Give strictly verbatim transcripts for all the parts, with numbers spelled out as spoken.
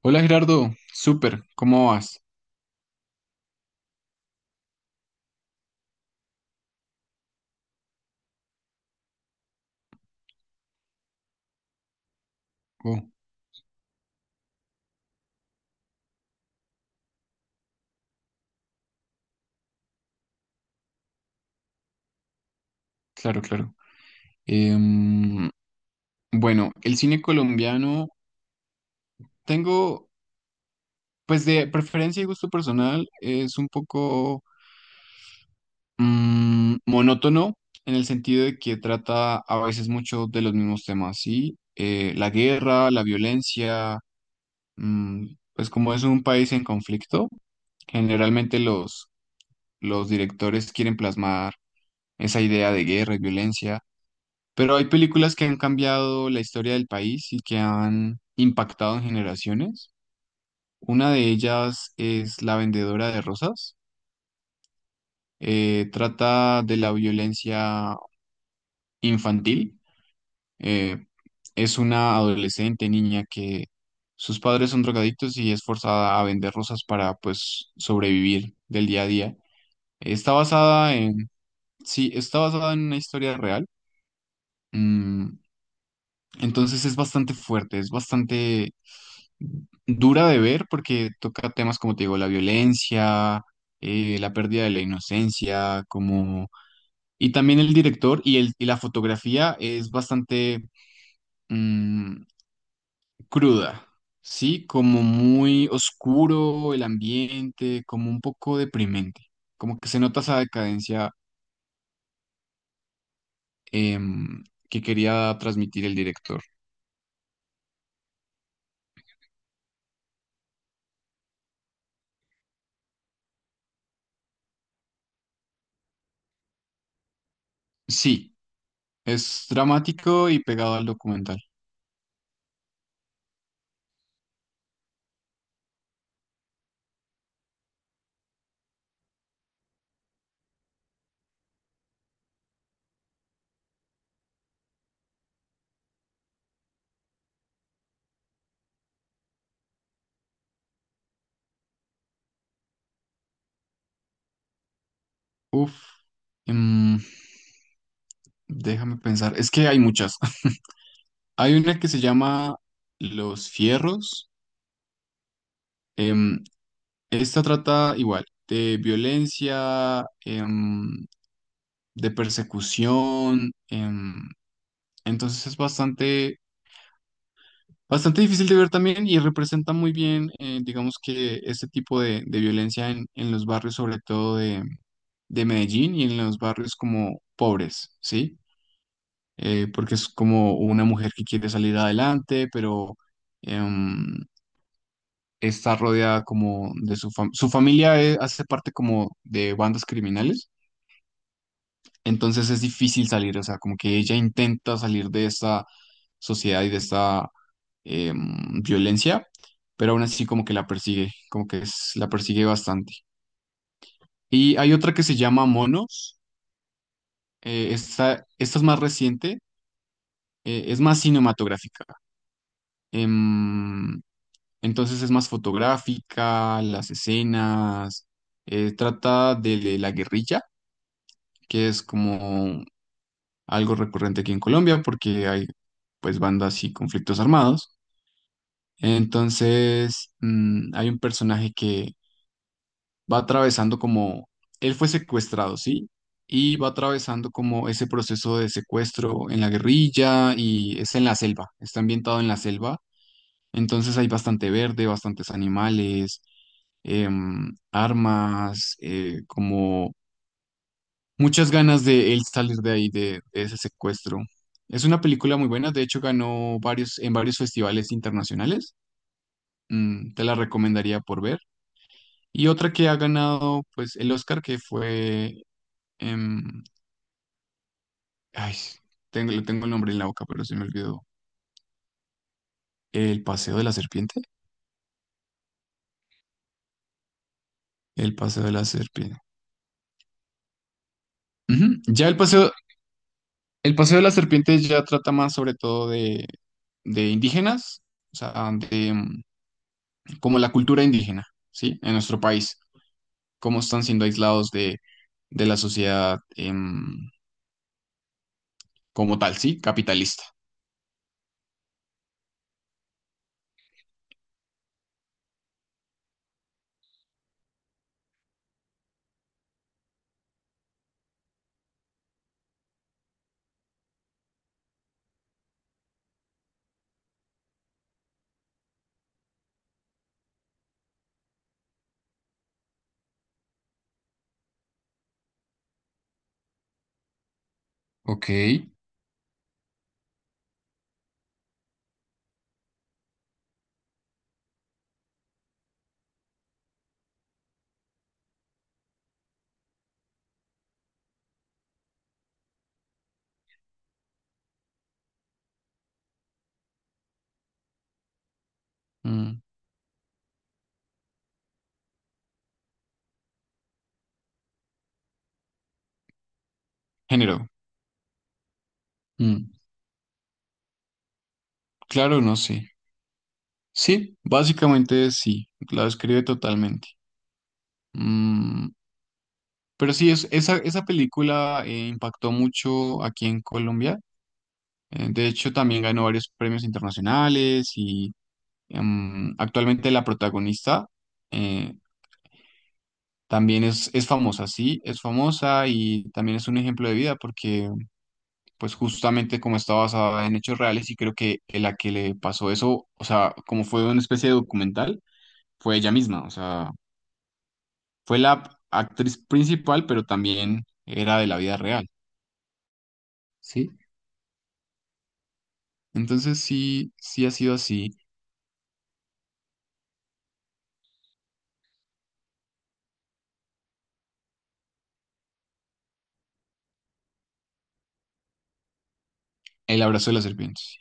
Hola Gerardo, súper, ¿cómo vas? Oh, claro, claro. Em, bueno, el cine colombiano tengo, pues de preferencia y gusto personal, es un poco mm, monótono en el sentido de que trata a veces mucho de los mismos temas, ¿sí? Eh, la guerra, la violencia, mm, pues como es un país en conflicto, generalmente los, los directores quieren plasmar esa idea de guerra y violencia. Pero hay películas que han cambiado la historia del país y que han impactado en generaciones. Una de ellas es La Vendedora de Rosas. Eh, trata de la violencia infantil. Eh, es una adolescente niña que sus padres son drogadictos y es forzada a vender rosas para pues sobrevivir del día a día. Está basada en, sí, está basada en una historia real. Mm, entonces es bastante fuerte, es bastante dura de ver porque toca temas como te digo, la violencia, eh, la pérdida de la inocencia, como... Y también el director y, el, y la fotografía es bastante mm, cruda, ¿sí? Como muy oscuro el ambiente, como un poco deprimente, como que se nota esa decadencia em, que quería transmitir el director. Sí, es dramático y pegado al documental. Uf. em, Déjame pensar, es que hay muchas. Hay una que se llama Los Fierros. em, Esta trata igual de violencia, em, de persecución. Em, entonces es bastante, bastante difícil de ver también y representa muy bien, eh, digamos que este tipo de, de violencia en, en los barrios, sobre todo de, de Medellín y en los barrios como pobres, ¿sí? Eh, porque es como una mujer que quiere salir adelante, pero... em, está rodeada como de su familia. Su familia eh, hace parte como de bandas criminales, entonces es difícil salir, o sea, como que ella intenta salir de esta sociedad y de esta em, violencia, pero aún así como que la persigue, como que es- la persigue bastante. Y hay otra que se llama Monos, eh, esta, esta es más reciente, eh, es más cinematográfica. em, entonces es más fotográfica, las escenas, eh, trata de la guerrilla que es como algo recurrente aquí en Colombia porque hay pues bandas y conflictos armados. Entonces, mm, hay un personaje que va atravesando como, él fue secuestrado, ¿sí? Y va atravesando como ese proceso de secuestro en la guerrilla y es en la selva, está ambientado en la selva. Entonces hay bastante verde, bastantes animales, em, armas, eh, como muchas ganas de él salir de ahí, de, de ese secuestro. Es una película muy buena, de hecho ganó varios, en varios festivales internacionales. Mm, te la recomendaría por ver. Y otra que ha ganado pues el Oscar que fue... em, ay, tengo, le tengo el nombre en la boca, pero se me olvidó. El Paseo de la Serpiente. El Paseo de la Serpiente. Ujú. Ya el Paseo, el Paseo de la Serpiente ya trata más sobre todo de, de indígenas, o sea, de, mm, como la cultura indígena, ¿sí? En nuestro país. Cómo están siendo aislados de, de la sociedad em, como tal, sí, capitalista. Ok. Mm, Género. Mm, Claro, no sé. Sí, básicamente sí, la describe totalmente. Mm, Pero sí, es, esa, esa película eh, impactó mucho aquí en Colombia. Eh, de hecho, también ganó varios premios internacionales y em, actualmente la protagonista eh, también es, es famosa, sí, es famosa y también es un ejemplo de vida porque pues justamente como está basada en hechos reales y creo que la que le pasó eso, o sea, como fue una especie de documental, fue ella misma, o sea, fue la actriz principal, pero también era de la vida real, ¿sí? Entonces sí, sí ha sido así. El abrazo de las serpientes.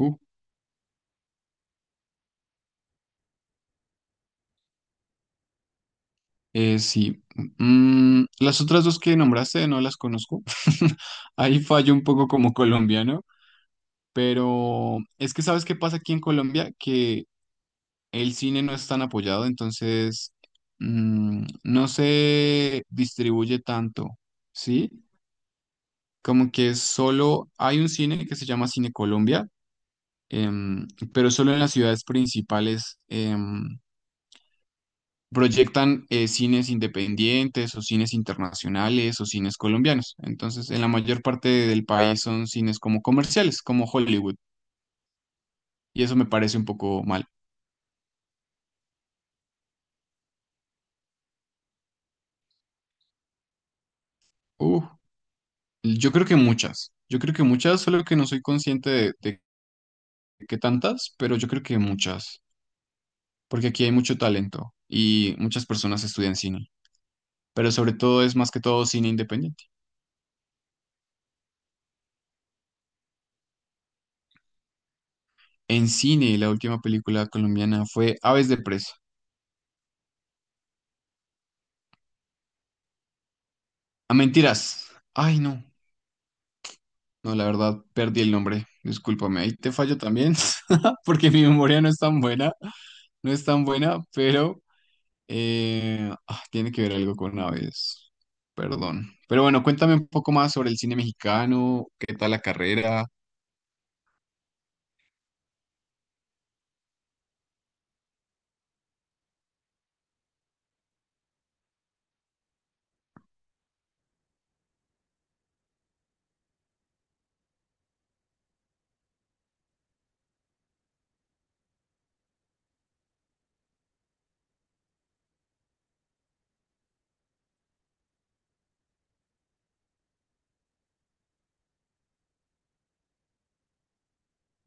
Uh, eh, sí. Mm, las otras dos que nombraste no las conozco. Ahí fallo un poco como colombiano, pero es que ¿sabes qué pasa aquí en Colombia? Que el cine no es tan apoyado, entonces mm, no se distribuye tanto, ¿sí? Como que solo hay un cine que se llama Cine Colombia, em, pero solo en las ciudades principales em, proyectan eh, cines independientes o cines internacionales o cines colombianos. Entonces, en la mayor parte del país son cines como comerciales, como Hollywood, y eso me parece un poco mal. Uh, yo creo que muchas. Yo creo que muchas, solo que no soy consciente de, de que tantas, pero yo creo que muchas, porque aquí hay mucho talento y muchas personas estudian cine, pero sobre todo es más que todo cine independiente. En cine, la última película colombiana fue Aves de Presa. A mentiras. Ay, no. No, la verdad, perdí el nombre. Discúlpame, ahí te fallo también, porque mi memoria no es tan buena, no es tan buena, pero eh, ah, tiene que ver algo con aves. Perdón. Pero bueno, cuéntame un poco más sobre el cine mexicano, qué tal la carrera.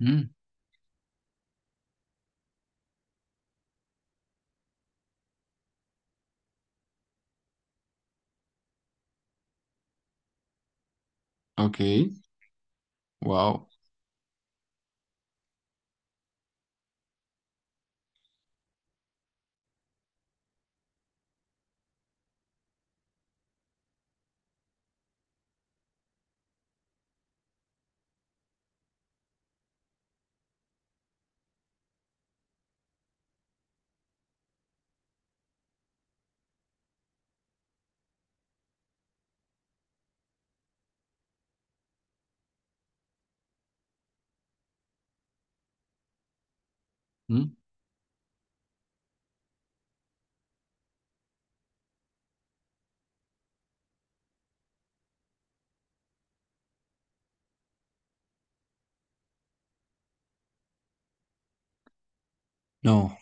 Mm, ok. Wow. No,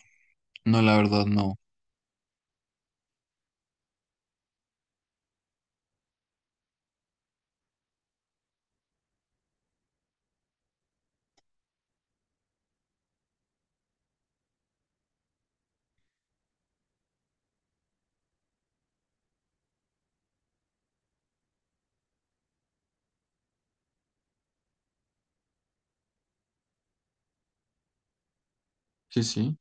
no, la verdad no. Sí, sí.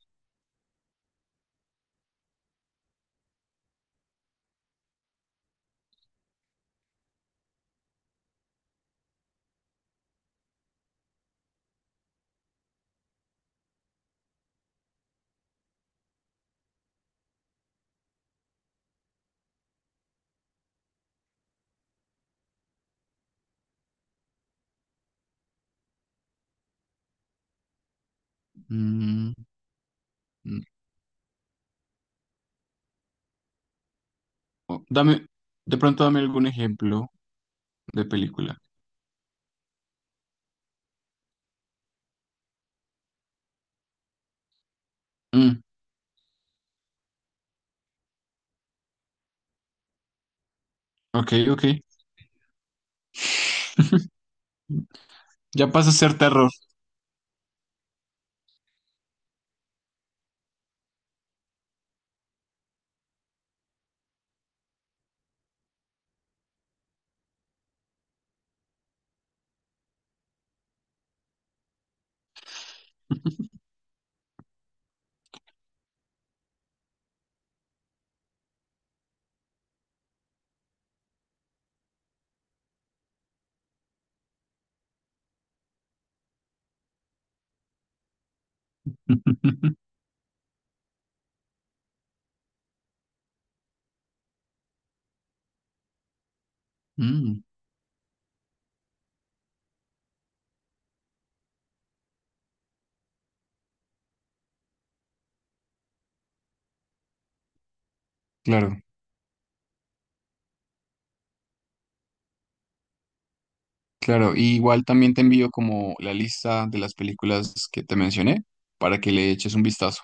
Mm. Mm. O- Dame, de pronto dame algún ejemplo de película. Mm, ok, ok. Ya pasa a ser terror. mm, claro, claro. Y igual también te envío como la lista de las películas que te mencioné para que le eches un vistazo.